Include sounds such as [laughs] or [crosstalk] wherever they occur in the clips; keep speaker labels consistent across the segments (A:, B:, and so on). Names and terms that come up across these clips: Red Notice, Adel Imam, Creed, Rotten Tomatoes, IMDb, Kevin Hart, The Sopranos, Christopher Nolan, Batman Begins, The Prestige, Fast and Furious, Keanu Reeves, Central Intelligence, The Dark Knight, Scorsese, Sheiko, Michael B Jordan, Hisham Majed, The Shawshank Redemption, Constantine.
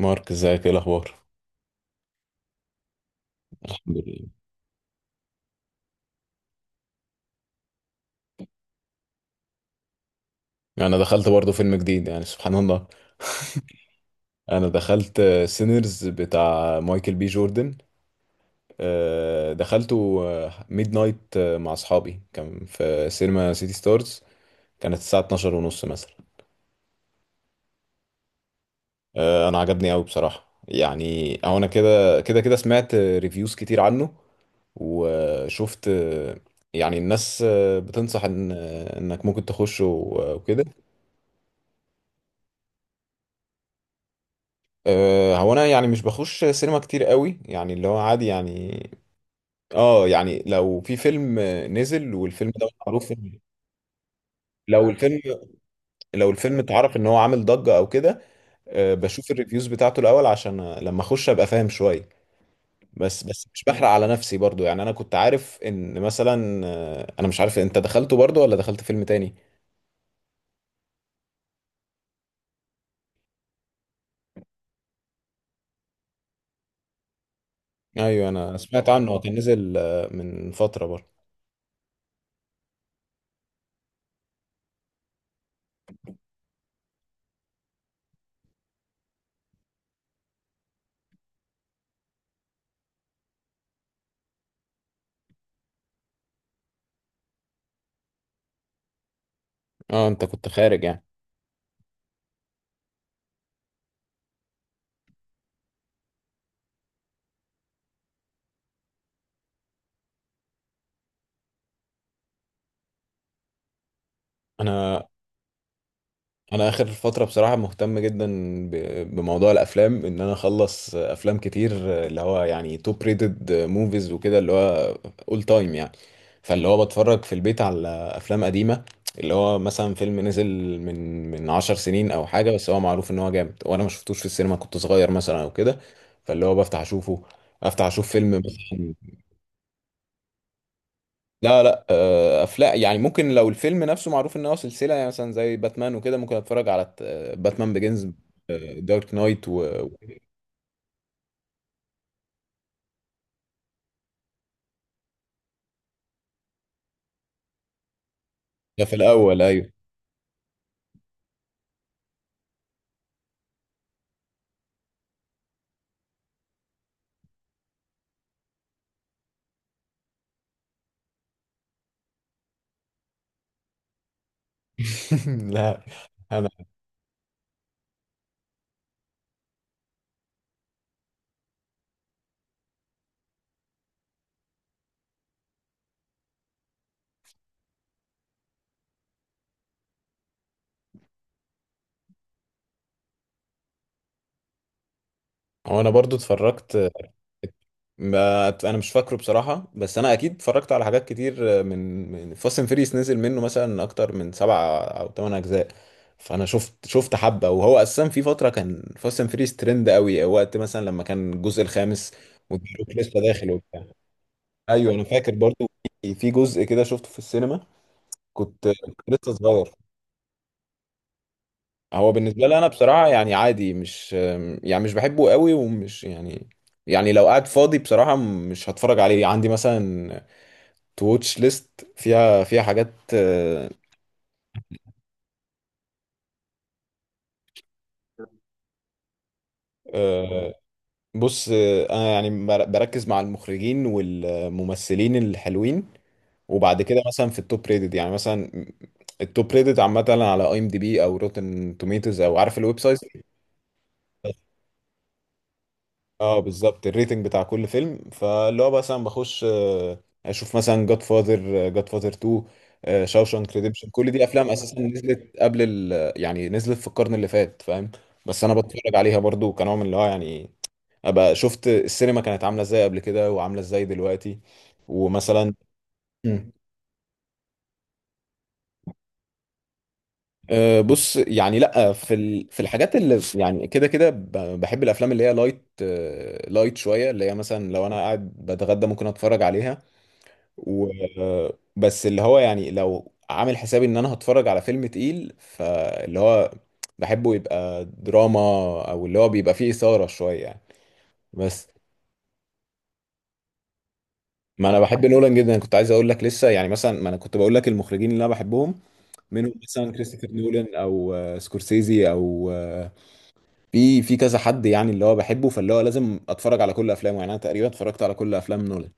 A: مارك، ازيك؟ ايه الاخبار؟ الحمد لله. انا دخلت برضه فيلم جديد، يعني سبحان الله. انا دخلت سينرز بتاع مايكل بي جوردن. دخلته ميد نايت مع اصحابي، كان في سينما سيتي ستارز. كانت الساعه 12 ونص مثلا. انا عجبني قوي بصراحه، يعني او انا كده سمعت ريفيوز كتير عنه وشفت. يعني الناس بتنصح ان انك ممكن تخشه وكده. أه، هو انا يعني مش بخش سينما كتير قوي، يعني اللي هو عادي يعني. اه يعني لو في فيلم نزل والفيلم ده معروف لو الفيلم، لو الفيلم اتعرف ان هو عامل ضجة او كده. أه، بشوف الريفيوز بتاعته الاول عشان لما اخش ابقى فاهم شوية. بس مش بحرق على نفسي برضو. يعني انا كنت عارف ان مثلا، انا مش عارف انت دخلته برضو ولا دخلت فيلم تاني. ايوه، انا سمعت عنه. هو كان نزل من فترة برضو. اه، انت كنت خارج يعني. انا انا اخر فتره بصراحه مهتم جدا بموضوع الافلام، ان انا اخلص افلام كتير، اللي هو يعني توب ريتد موفيز وكده، اللي هو اول تايم يعني. فاللي هو بتفرج في البيت على افلام قديمه، اللي هو مثلا فيلم نزل من 10 سنين او حاجه، بس هو معروف ان هو جامد وانا ما شفتوش في السينما، كنت صغير مثلا او كده. فاللي هو بفتح اشوفه، افتح اشوف فيلم مثلا. لا، افلام يعني، ممكن لو الفيلم نفسه معروف ان هو سلسله، يعني مثلا زي باتمان وكده ممكن اتفرج على باتمان بيجنز، دارك نايت و- ده في الاول. ايوه. [laughs] لا انا، هو انا برضو اتفرجت. ما انا مش فاكره بصراحه، بس انا اكيد اتفرجت على حاجات كتير من فاست اند فيريس. نزل منه مثلا اكتر من سبع او ثمان اجزاء، فانا شفت حبه. وهو اساسا في فتره كان فاست اند فيريس ترند قوي، وقت مثلا لما كان الجزء الخامس وجاروك لسه داخل وبتاع. ايوه انا فاكر برضو، في جزء كده شفته في السينما، كنت لسه صغير. هو بالنسبه لي انا بصراحه يعني عادي، مش يعني، مش بحبه قوي ومش يعني، يعني لو قاعد فاضي بصراحه مش هتفرج عليه. عندي مثلا تو واتش ليست، فيها حاجات. آه، بص، انا يعني بركز مع المخرجين والممثلين الحلوين، وبعد كده مثلا في التوب ريتد يعني، مثلا التوب ريتد عامه على اي ام دي بي او روتن توميتوز، او عارف الويب سايت. اه بالظبط، الريتنج بتاع كل فيلم. فاللي هو مثلا بخش اشوف مثلا جاد فاذر، جاد فاذر 2، شاوشانك ريديمشن. كل دي افلام اساسا نزلت قبل ال، يعني نزلت في القرن اللي فات، فاهم. بس انا بتفرج عليها برضو كنوع من اللي هو يعني ابقى شفت السينما كانت عامله ازاي قبل كده وعامله ازاي دلوقتي. ومثلا، مم. بص يعني، لا في في الحاجات اللي يعني كده كده، بحب الافلام اللي هي لايت، لايت شويه، اللي هي مثلا لو انا قاعد بتغدى ممكن اتفرج عليها. و، بس اللي هو يعني لو عامل حسابي ان انا هتفرج على فيلم تقيل، فاللي هو بحبه يبقى دراما، او اللي هو بيبقى فيه اثاره شويه يعني. بس ما انا بحب نولان جدا، كنت عايز اقول لك لسه يعني، مثلا ما انا كنت بقول لك المخرجين اللي انا بحبهم، منهم مثلا كريستوفر نولان او سكورسيزي او، في كذا حد يعني اللي هو بحبه، فاللي هو لازم اتفرج على كل افلامه. يعني انا تقريبا اتفرجت على كل افلام نولان.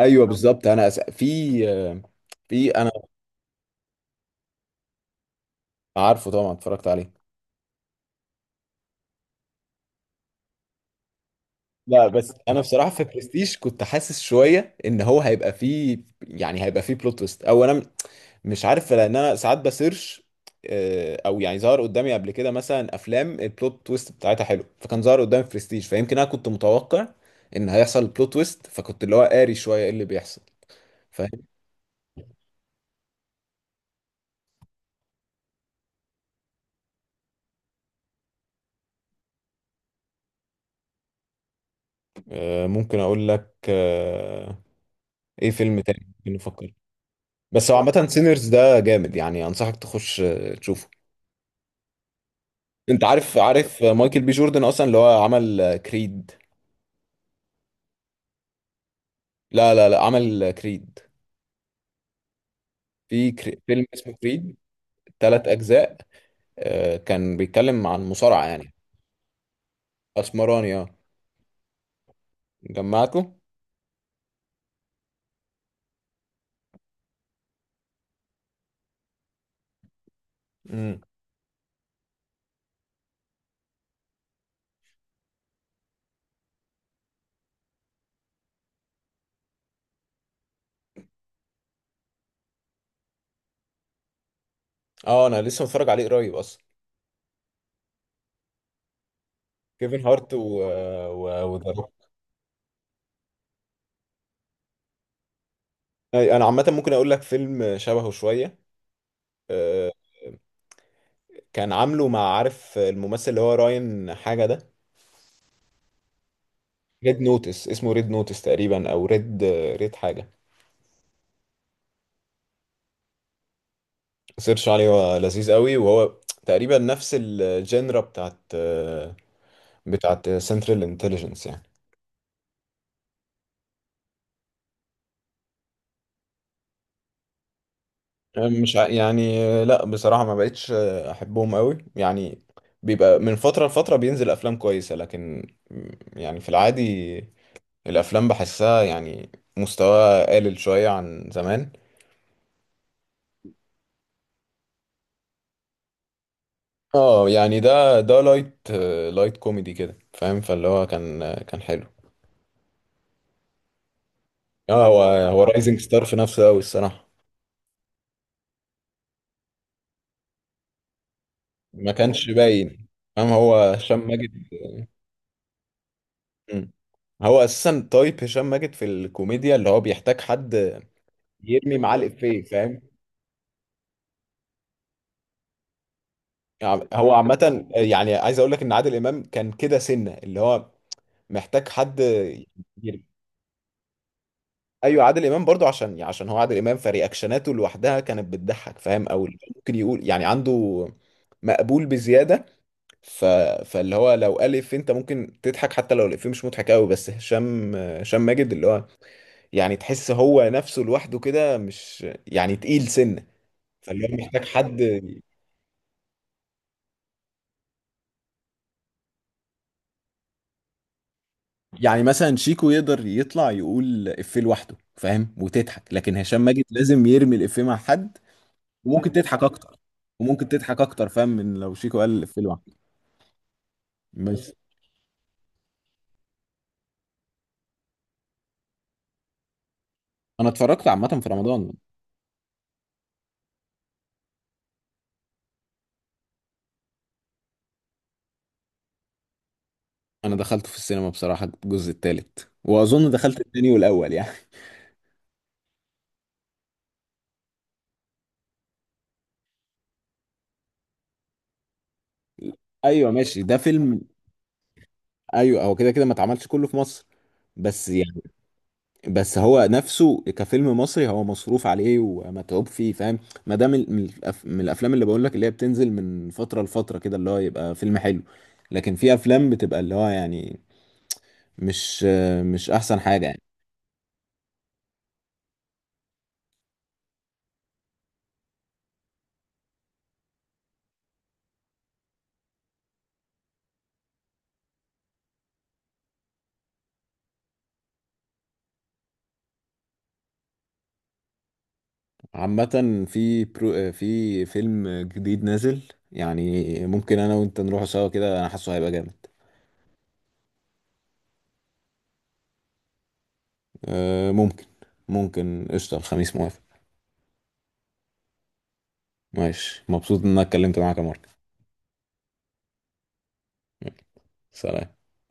A: ايوه بالظبط. انا في، آه، في انا عارفه طبعا، اتفرجت عليه. لا بس انا بصراحه في برستيج كنت حاسس شويه ان هو هيبقى فيه، يعني هيبقى فيه بلوت تويست، او انا مش عارف، لان انا ساعات بسيرش او يعني ظهر قدامي قبل كده مثلا افلام البلوت تويست بتاعتها حلو، فكان ظهر قدامي برستيج، فيمكن انا كنت متوقع ان هيحصل بلوت تويست، فكنت اللي هو قاري شويه ايه اللي بيحصل. فاهم. ممكن اقول لك ايه فيلم تاني ممكن نفكر. بس هو عامه سينرز ده جامد يعني، انصحك تخش تشوفه. انت عارف مايكل بي جوردن اصلا، اللي هو عمل كريد. لا، عمل كريد. في فيلم اسمه كريد، ثلاث أجزاء. آه، كان بيتكلم عن مصارعة يعني. أسمراني، اه. جمعته. امم، اه. أنا لسه متفرج عليه قريب أصلا. كيفن هارت و وذا روك. أي، أنا عامة ممكن أقول لك فيلم شبهه شوية. آه، كان عامله مع، عارف الممثل اللي هو راين حاجة ده. ريد نوتس، اسمه ريد نوتس تقريبا، أو ريد، ريد حاجة. سيرش عليه، هو لذيذ قوي. وهو تقريبا نفس الجينرا بتاعت بتاعت سنترال انتليجنس يعني. مش ع- يعني لا بصراحة ما بقتش أحبهم قوي يعني. بيبقى من فترة لفترة بينزل أفلام كويسة، لكن يعني في العادي الأفلام بحسها يعني مستواها قلل شوية عن زمان. اه يعني ده لايت، لايت كوميدي كده فاهم، فاللي هو كان حلو. اه، هو رايزنج ستار في نفسه قوي الصراحة. ما كانش باين فاهم، هو هشام ماجد. مم. هو اساسا تايب هشام ماجد في الكوميديا اللي هو بيحتاج حد يرمي معاه الافيه فاهم. يعني هو عامه يعني عايز اقول لك ان عادل امام كان كده سنه، اللي هو محتاج حد يرمي. ايوه عادل امام برضو، عشان يعني عشان هو عادل امام فرياكشناته لوحدها كانت بتضحك فاهم، او ممكن يقول يعني عنده مقبول بزياده، ف... فاللي هو لو الف انت ممكن تضحك حتى لو الافيه مش مضحك قوي. بس هشام، ماجد اللي هو يعني تحس هو نفسه لوحده كده مش يعني تقيل سنة. فاللي هو محتاج حد. يعني مثلا شيكو يقدر يطلع يقول إفيه لوحده فاهم وتضحك، لكن هشام ماجد لازم يرمي الإفيه مع حد. وممكن تضحك أكتر، وممكن تضحك أكتر فاهم من لو شيكو قال الإفيه لوحده. بس أنا اتفرجت عامة في رمضان. أنا دخلت في السينما بصراحة الجزء التالت، وأظن دخلت التاني والأول يعني. [laughs] أيوه ماشي، ده فيلم. أيوه هو كده كده ما اتعملش كله في مصر، بس يعني، بس هو نفسه كفيلم مصري هو مصروف عليه ومتعوب فيه فاهم. ما ده من من الافلام اللي بقول لك اللي هي بتنزل من فتره لفتره كده، اللي هو يبقى فيلم حلو. لكن في افلام بتبقى اللي هو يعني، مش مش احسن حاجه يعني. عامه في برو، في فيلم جديد نازل، يعني ممكن انا وانت نروح سوا كده، انا حاسه هيبقى جامد. أه، ممكن، ممكن قشطه، الخميس موافق. ماشي، مبسوط ان انا اتكلمت معاك يا مارك. يلا، سلام.